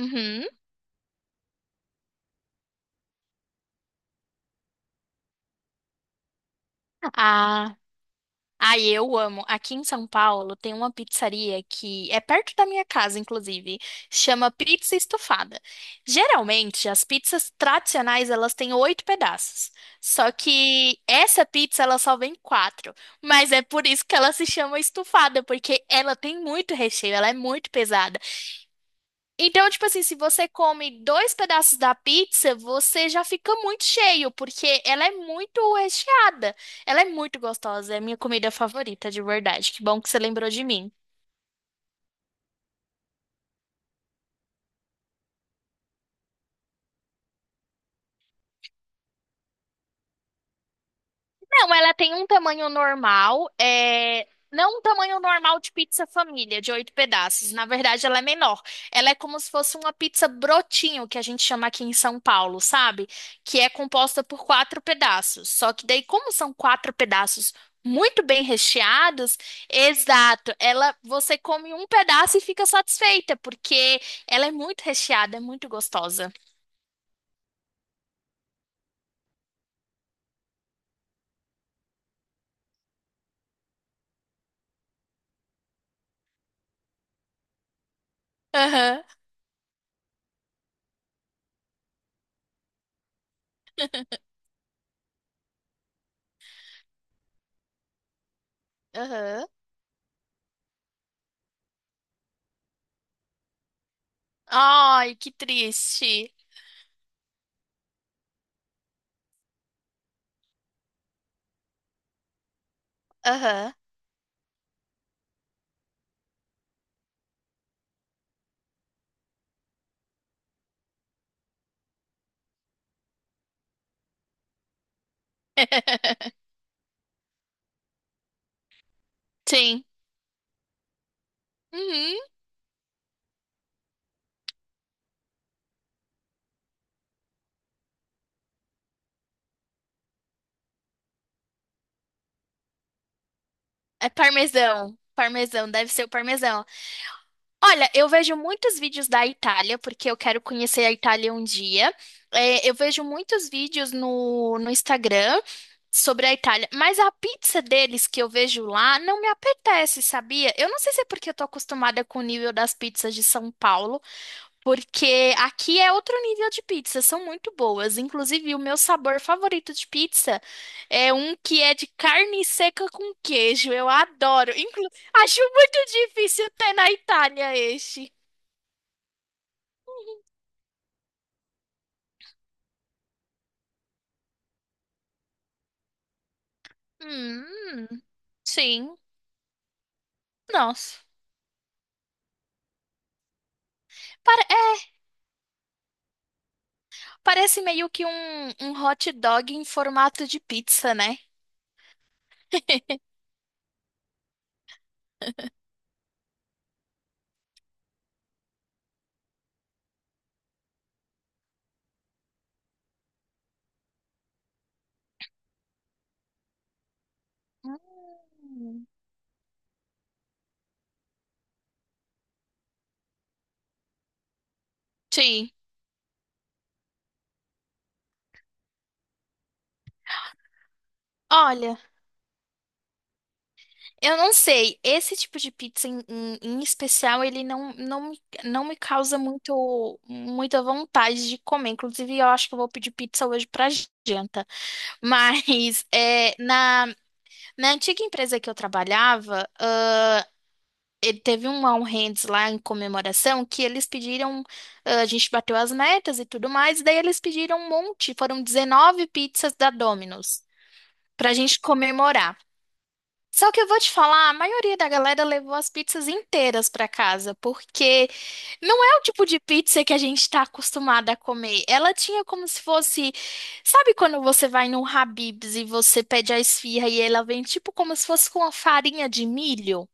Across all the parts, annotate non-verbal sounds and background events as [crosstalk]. Uhum. Ah, ai, eu amo. Aqui em São Paulo tem uma pizzaria que é perto da minha casa, inclusive. Chama Pizza Estofada. Geralmente, as pizzas tradicionais, elas têm oito pedaços. Só que essa pizza, ela só vem quatro. Mas é por isso que ela se chama estufada, porque ela tem muito recheio, ela é muito pesada. Então, tipo assim, se você come dois pedaços da pizza, você já fica muito cheio, porque ela é muito recheada. Ela é muito gostosa, é a minha comida favorita, de verdade. Que bom que você lembrou de mim. Não, ela tem um tamanho normal, é... não um tamanho normal de pizza família, de oito pedaços. Na verdade, ela é menor. Ela é como se fosse uma pizza brotinho, que a gente chama aqui em São Paulo, sabe? Que é composta por quatro pedaços. Só que daí, como são quatro pedaços muito bem recheados, exato, ela você come um pedaço e fica satisfeita, porque ela é muito recheada, é muito gostosa. Aham, aham. Ai, que triste. Aham. [laughs] Sim. Uhum. É parmesão. Parmesão, deve ser o parmesão. Olha, eu vejo muitos vídeos da Itália, porque eu quero conhecer a Itália um dia. É, eu vejo muitos vídeos no Instagram sobre a Itália, mas a pizza deles que eu vejo lá não me apetece, sabia? Eu não sei se é porque eu tô acostumada com o nível das pizzas de São Paulo. Porque aqui é outro nível de pizza, são muito boas. Inclusive, o meu sabor favorito de pizza é um que é de carne seca com queijo. Eu adoro. Inclu acho muito difícil ter na Itália este. Hum, sim. Nossa. É, parece meio que um hot dog em formato de pizza, né? [laughs] Hum. Sim. Olha. Eu não sei, esse tipo de pizza em especial, ele não, não, não me causa muito, muita vontade de comer. Inclusive, eu acho que eu vou pedir pizza hoje pra janta. [laughs] Mas é, na antiga empresa que eu trabalhava, ele teve um All Hands lá em comemoração que eles pediram, ah, a gente bateu as metas e tudo mais, e daí eles pediram um monte, foram 19 pizzas da Domino's pra gente comemorar. Só que eu vou te falar, a maioria da galera levou as pizzas inteiras pra casa, porque não é o tipo de pizza que a gente tá acostumada a comer. Ela tinha como se fosse, sabe quando você vai num Habib's e você pede a esfirra e ela vem tipo como se fosse com uma farinha de milho?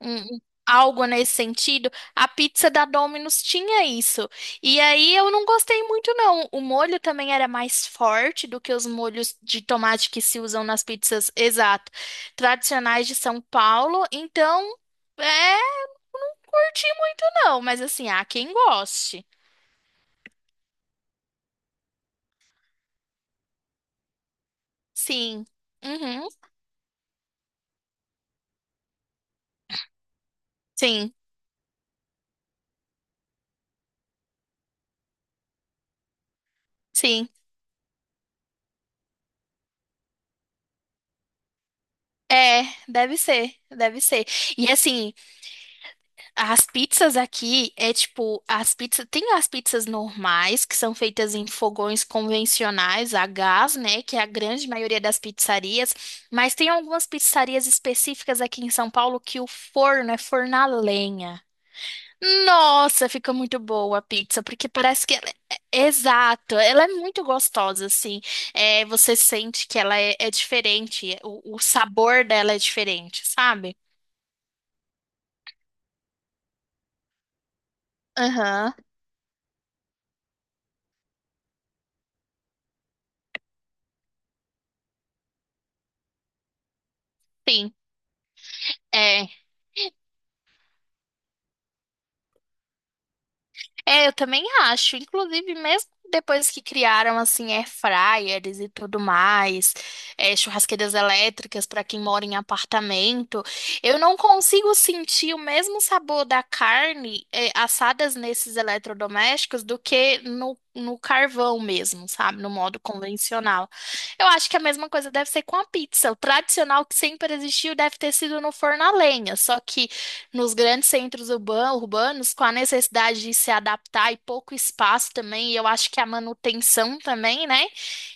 um- algo nesse sentido. A pizza da Domino's tinha isso. E aí eu não gostei muito, não. O molho também era mais forte do que os molhos de tomate que se usam nas pizzas, exato, tradicionais de São Paulo. Então, é, não curti muito, não. Mas assim, há quem goste. Sim. Uhum. Sim, sim. É, deve ser, deve ser. E assim, as pizzas aqui é tipo, as pizzas, tem as pizzas normais, que são feitas em fogões convencionais a gás, né, que é a grande maioria das pizzarias, mas tem algumas pizzarias específicas aqui em São Paulo que o forno é forno a lenha. Nossa, fica muito boa a pizza, porque parece que ela exato, ela é muito gostosa, assim. É, você sente que ela é, é diferente, o sabor dela é diferente, sabe? Aham, sim. É. É, eu também acho. Inclusive, mesmo depois que criaram assim air fryers e tudo mais, é, churrasqueiras elétricas para quem mora em apartamento, eu não consigo sentir o mesmo sabor da carne é, assadas nesses eletrodomésticos do que no carvão mesmo, sabe? No modo convencional. Eu acho que a mesma coisa deve ser com a pizza. O tradicional que sempre existiu deve ter sido no forno a lenha, só que nos grandes centros urbanos, com a necessidade de se adaptar e pouco espaço também, e eu acho que a manutenção também, né,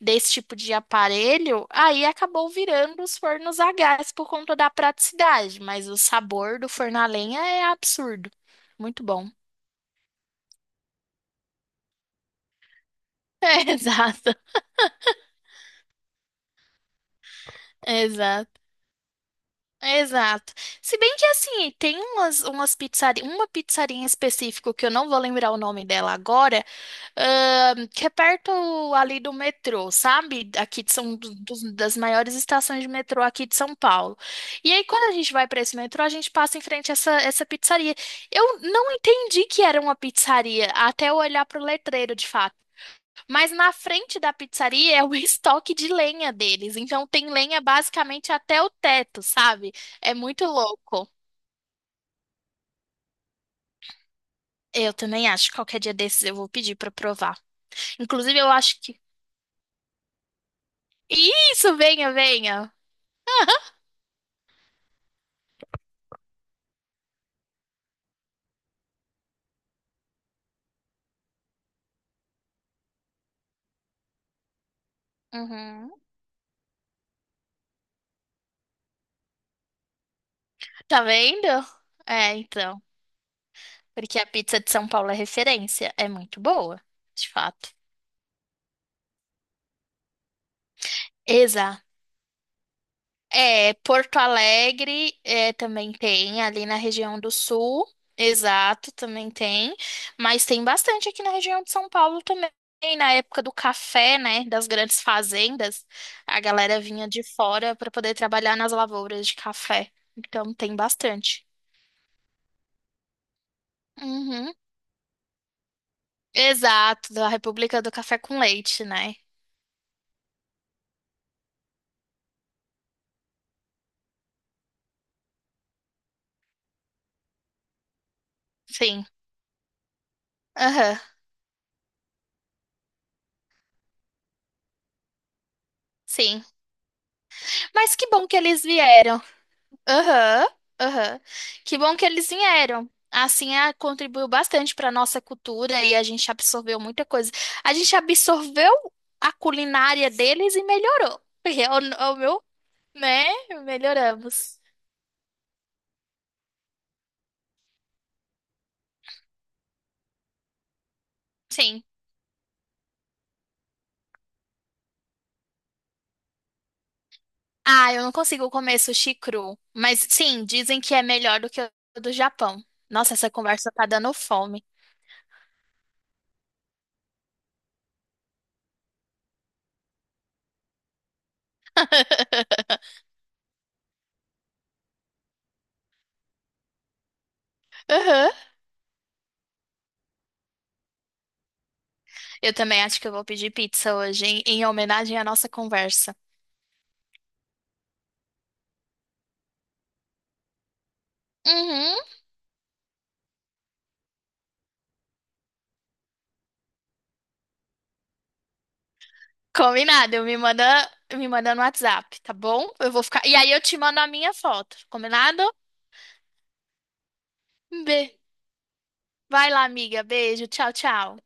desse tipo de aparelho, aí acabou virando os fornos a gás por conta da praticidade, mas o sabor do forno a lenha é absurdo. Muito bom. [laughs] É, exato, exato. Exato. Se bem que assim, tem umas, uma pizzaria em específico que eu não vou lembrar o nome dela agora, que é perto ali do metrô, sabe? Aqui de das maiores estações de metrô aqui de São Paulo. E aí, quando a gente vai para esse metrô, a gente passa em frente a essa pizzaria. Eu não entendi que era uma pizzaria até eu olhar para o letreiro de fato. Mas na frente da pizzaria é o [laughs] estoque de lenha deles. Então tem lenha basicamente até o teto, sabe? É muito louco. Eu também acho que qualquer dia desses eu vou pedir pra provar. Inclusive, eu acho que. Isso, venha, venha. Uhum. Tá vendo? É, então. Porque a pizza de São Paulo é referência. É muito boa, de fato. Exa. É, Porto Alegre é, também tem, ali na região do Sul, exato, também tem, mas tem bastante aqui na região de São Paulo também, na época do café, né, das grandes fazendas, a galera vinha de fora para poder trabalhar nas lavouras de café, então tem bastante. Uhum. Exato, da República do Café com Leite, né? Sim, aham, sim. Mas que bom que eles vieram. Aham, aham. Que bom que eles vieram. Assim, ah, contribuiu bastante para nossa cultura e a gente absorveu muita coisa. A gente absorveu a culinária deles e melhorou. [laughs] Porque é o, é o meu, né? Melhoramos. Sim. Ah, eu não consigo comer sushi cru. Mas sim, dizem que é melhor do que o do Japão. Nossa, essa conversa tá dando fome. [laughs] Aham. Eu também acho que eu vou pedir pizza hoje, em homenagem à nossa conversa. Uhum. Combinado, eu me manda no WhatsApp, tá bom? Eu vou ficar. E aí eu te mando a minha foto, combinado? Be... Vai lá, amiga. Beijo, tchau, tchau.